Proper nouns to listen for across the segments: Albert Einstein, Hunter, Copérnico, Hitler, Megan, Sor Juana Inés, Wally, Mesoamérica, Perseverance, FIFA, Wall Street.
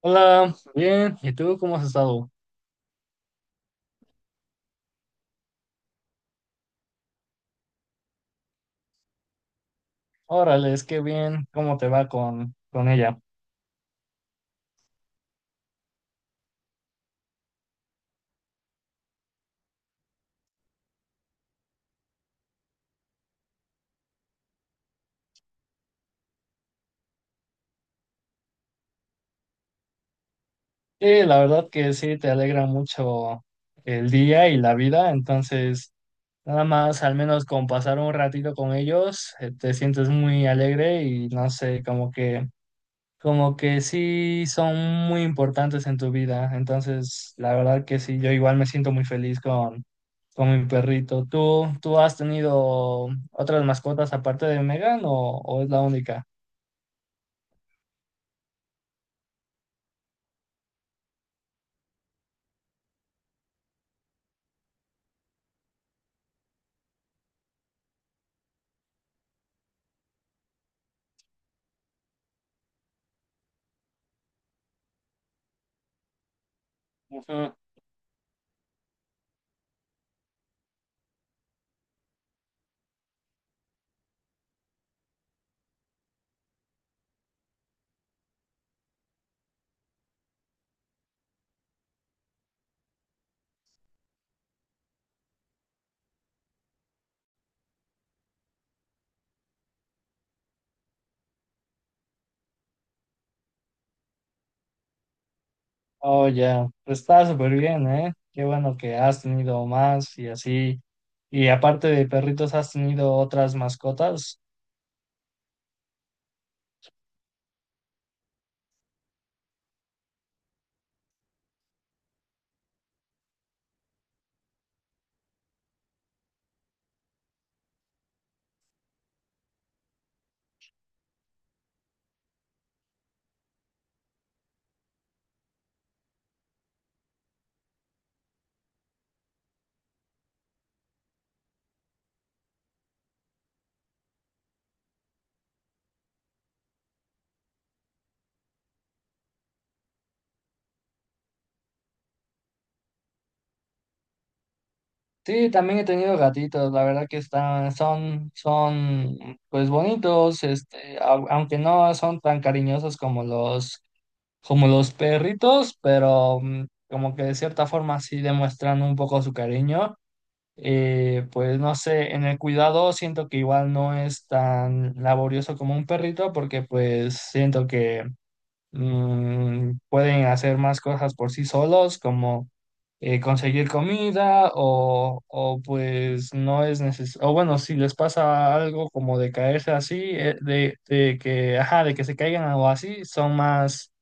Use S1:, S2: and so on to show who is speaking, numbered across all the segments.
S1: Hola, bien. ¿Y tú cómo has estado? Órale, es que bien, ¿cómo te va con ella? Y la verdad que sí, te alegra mucho el día y la vida, entonces nada más, al menos con pasar un ratito con ellos, te sientes muy alegre y no sé, como que sí son muy importantes en tu vida. Entonces, la verdad que sí, yo igual me siento muy feliz con mi perrito. ¿Tú has tenido otras mascotas aparte de Megan o es la única? Ujú. Oh, ya, pues está súper bien, ¿eh? Qué bueno que has tenido más y así. Y aparte de perritos, ¿has tenido otras mascotas? Sí, también he tenido gatitos, la verdad que están, son, pues bonitos, este, aunque no son tan cariñosos como como los perritos, pero como que de cierta forma sí demuestran un poco su cariño. Pues no sé, en el cuidado siento que igual no es tan laborioso como un perrito, porque pues siento que pueden hacer más cosas por sí solos, como conseguir comida o pues no es necesario, o bueno, si les pasa algo como de caerse así, de que, ajá, de que se caigan o así, son más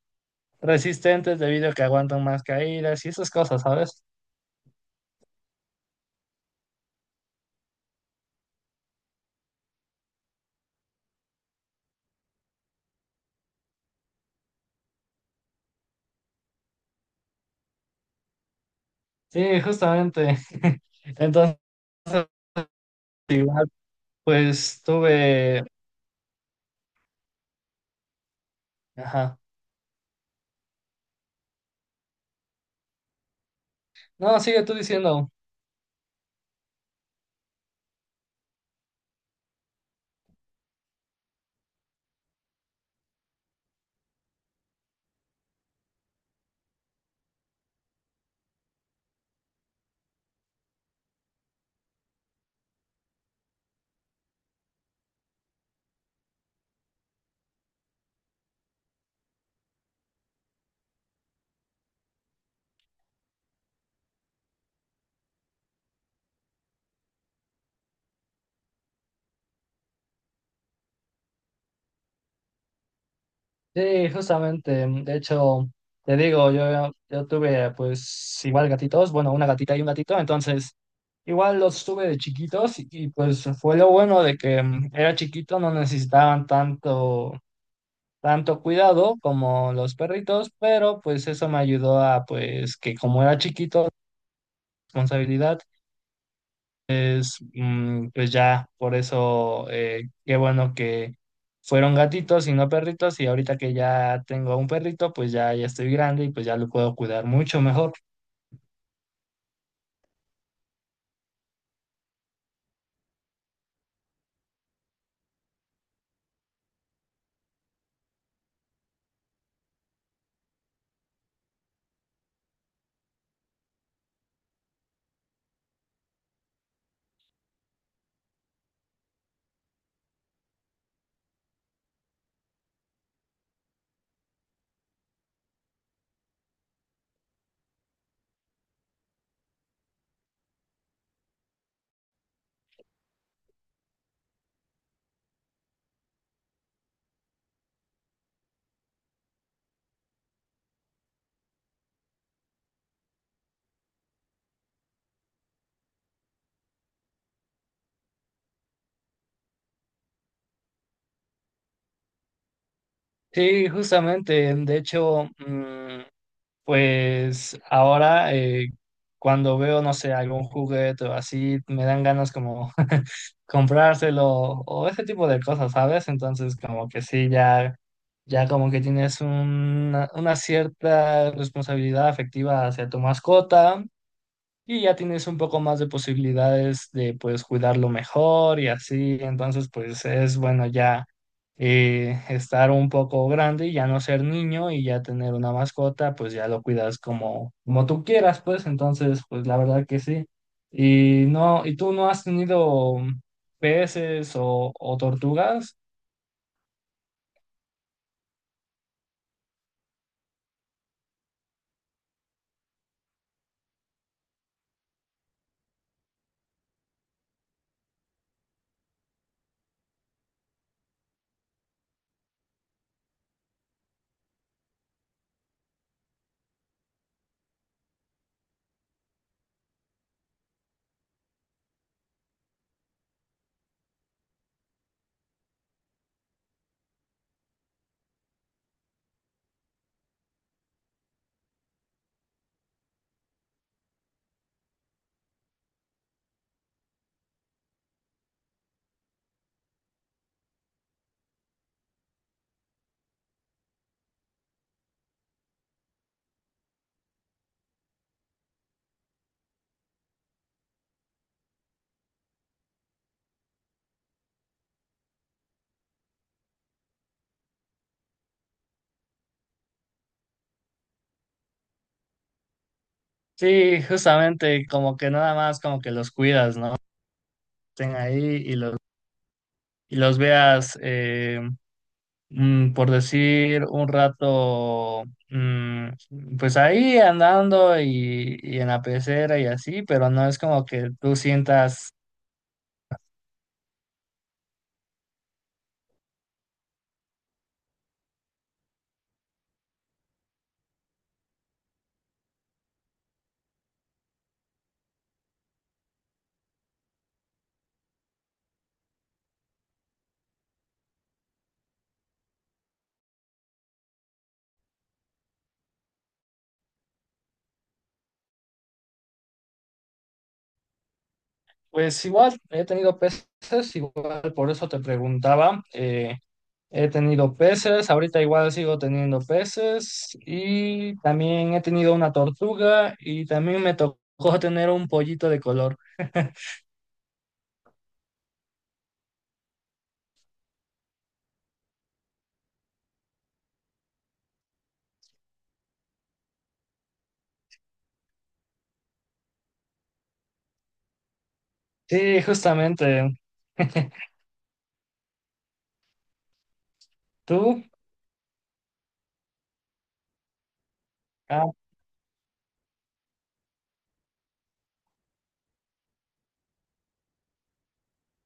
S1: resistentes debido a que aguantan más caídas y esas cosas, ¿sabes? Sí, justamente. Entonces, igual, pues tuve, ajá. No, sigue tú diciendo. Sí, justamente. De hecho, te digo, yo tuve pues igual gatitos, bueno, una gatita y un gatito, entonces igual los tuve de chiquitos pues fue lo bueno de que era chiquito, no necesitaban tanto cuidado como los perritos, pero pues eso me ayudó a pues que como era chiquito, responsabilidad, pues ya, por eso, qué bueno que fueron gatitos y no perritos, y ahorita que ya tengo un perrito, pues ya, ya estoy grande y pues ya lo puedo cuidar mucho mejor. Sí, justamente, de hecho, pues ahora, cuando veo, no sé, algún juguete o así, me dan ganas como comprárselo o ese tipo de cosas, ¿sabes? Entonces como que sí, ya, ya como que tienes una cierta responsabilidad afectiva hacia tu mascota y ya tienes un poco más de posibilidades de pues cuidarlo mejor y así, entonces pues es bueno ya, estar un poco grande y ya no ser niño y ya tener una mascota, pues ya lo cuidas como, como tú quieras, pues entonces pues la verdad que sí. Y no, ¿y tú no has tenido peces o tortugas? Sí, justamente como que nada más como que los cuidas, ¿no? Estén ahí y y los veas. Por decir un rato, pues ahí andando y en la pecera y así, pero no es como que tú sientas, pues igual he tenido peces, igual por eso te preguntaba, he tenido peces, ahorita igual sigo teniendo peces y también he tenido una tortuga y también me tocó tener un pollito de color. Sí, justamente. ¿Tú? Ah,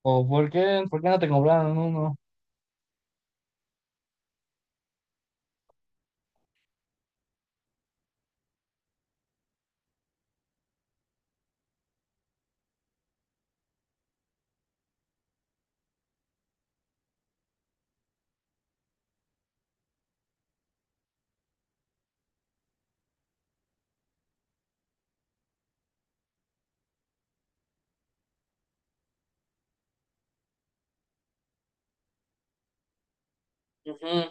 S1: ¿o por qué no te compraron uno? Ujú.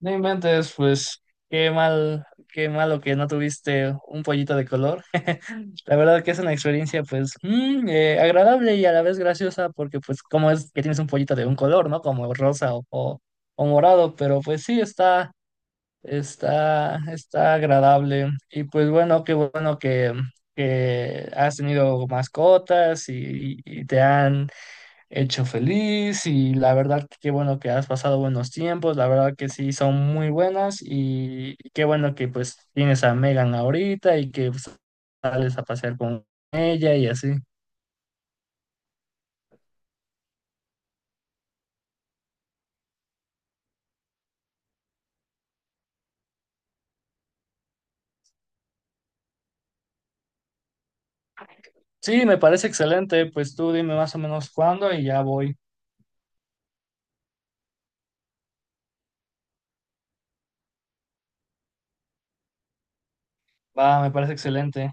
S1: No inventes, pues qué mal, qué malo que no tuviste un pollito de color. La verdad que es una experiencia pues agradable y a la vez graciosa porque pues cómo es que tienes un pollito de un color, ¿no? Como rosa o morado, pero pues sí está agradable. Y pues bueno, qué bueno que has tenido mascotas y te han hecho feliz y la verdad que qué bueno que has pasado buenos tiempos, la verdad que sí son muy buenas y qué bueno que pues tienes a Megan ahorita y que pues, sales a pasear con ella y así. Sí, me parece excelente, pues tú dime más o menos cuándo y ya voy. Va, me parece excelente.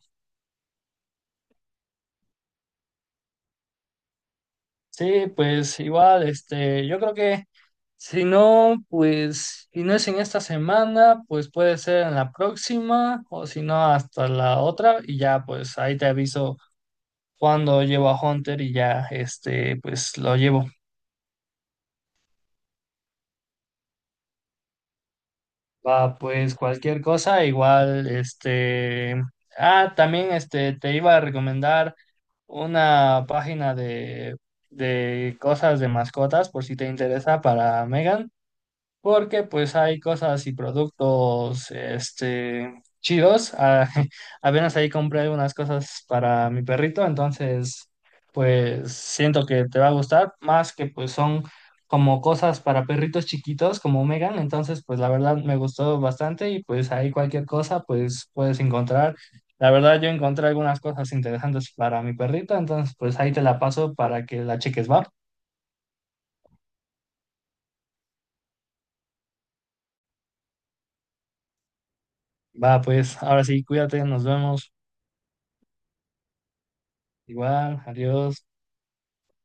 S1: Sí, pues igual, este, yo creo que si no, pues si no es en esta semana, pues puede ser en la próxima o si no hasta la otra y ya pues ahí te aviso cuando llevo a Hunter y ya, este, pues lo llevo. Va, pues cualquier cosa, igual, este, ah, también, este, te iba a recomendar una página de cosas de mascotas, por si te interesa para Megan. Porque pues hay cosas y productos este chidos. Ah, apenas ahí compré unas cosas para mi perrito, entonces pues siento que te va a gustar, más que pues son como cosas para perritos chiquitos como Megan, entonces pues la verdad me gustó bastante y pues ahí cualquier cosa pues puedes encontrar. La verdad yo encontré algunas cosas interesantes para mi perrito, entonces pues ahí te la paso para que la cheques, va. Va, pues ahora sí, cuídate, nos vemos. Igual, adiós.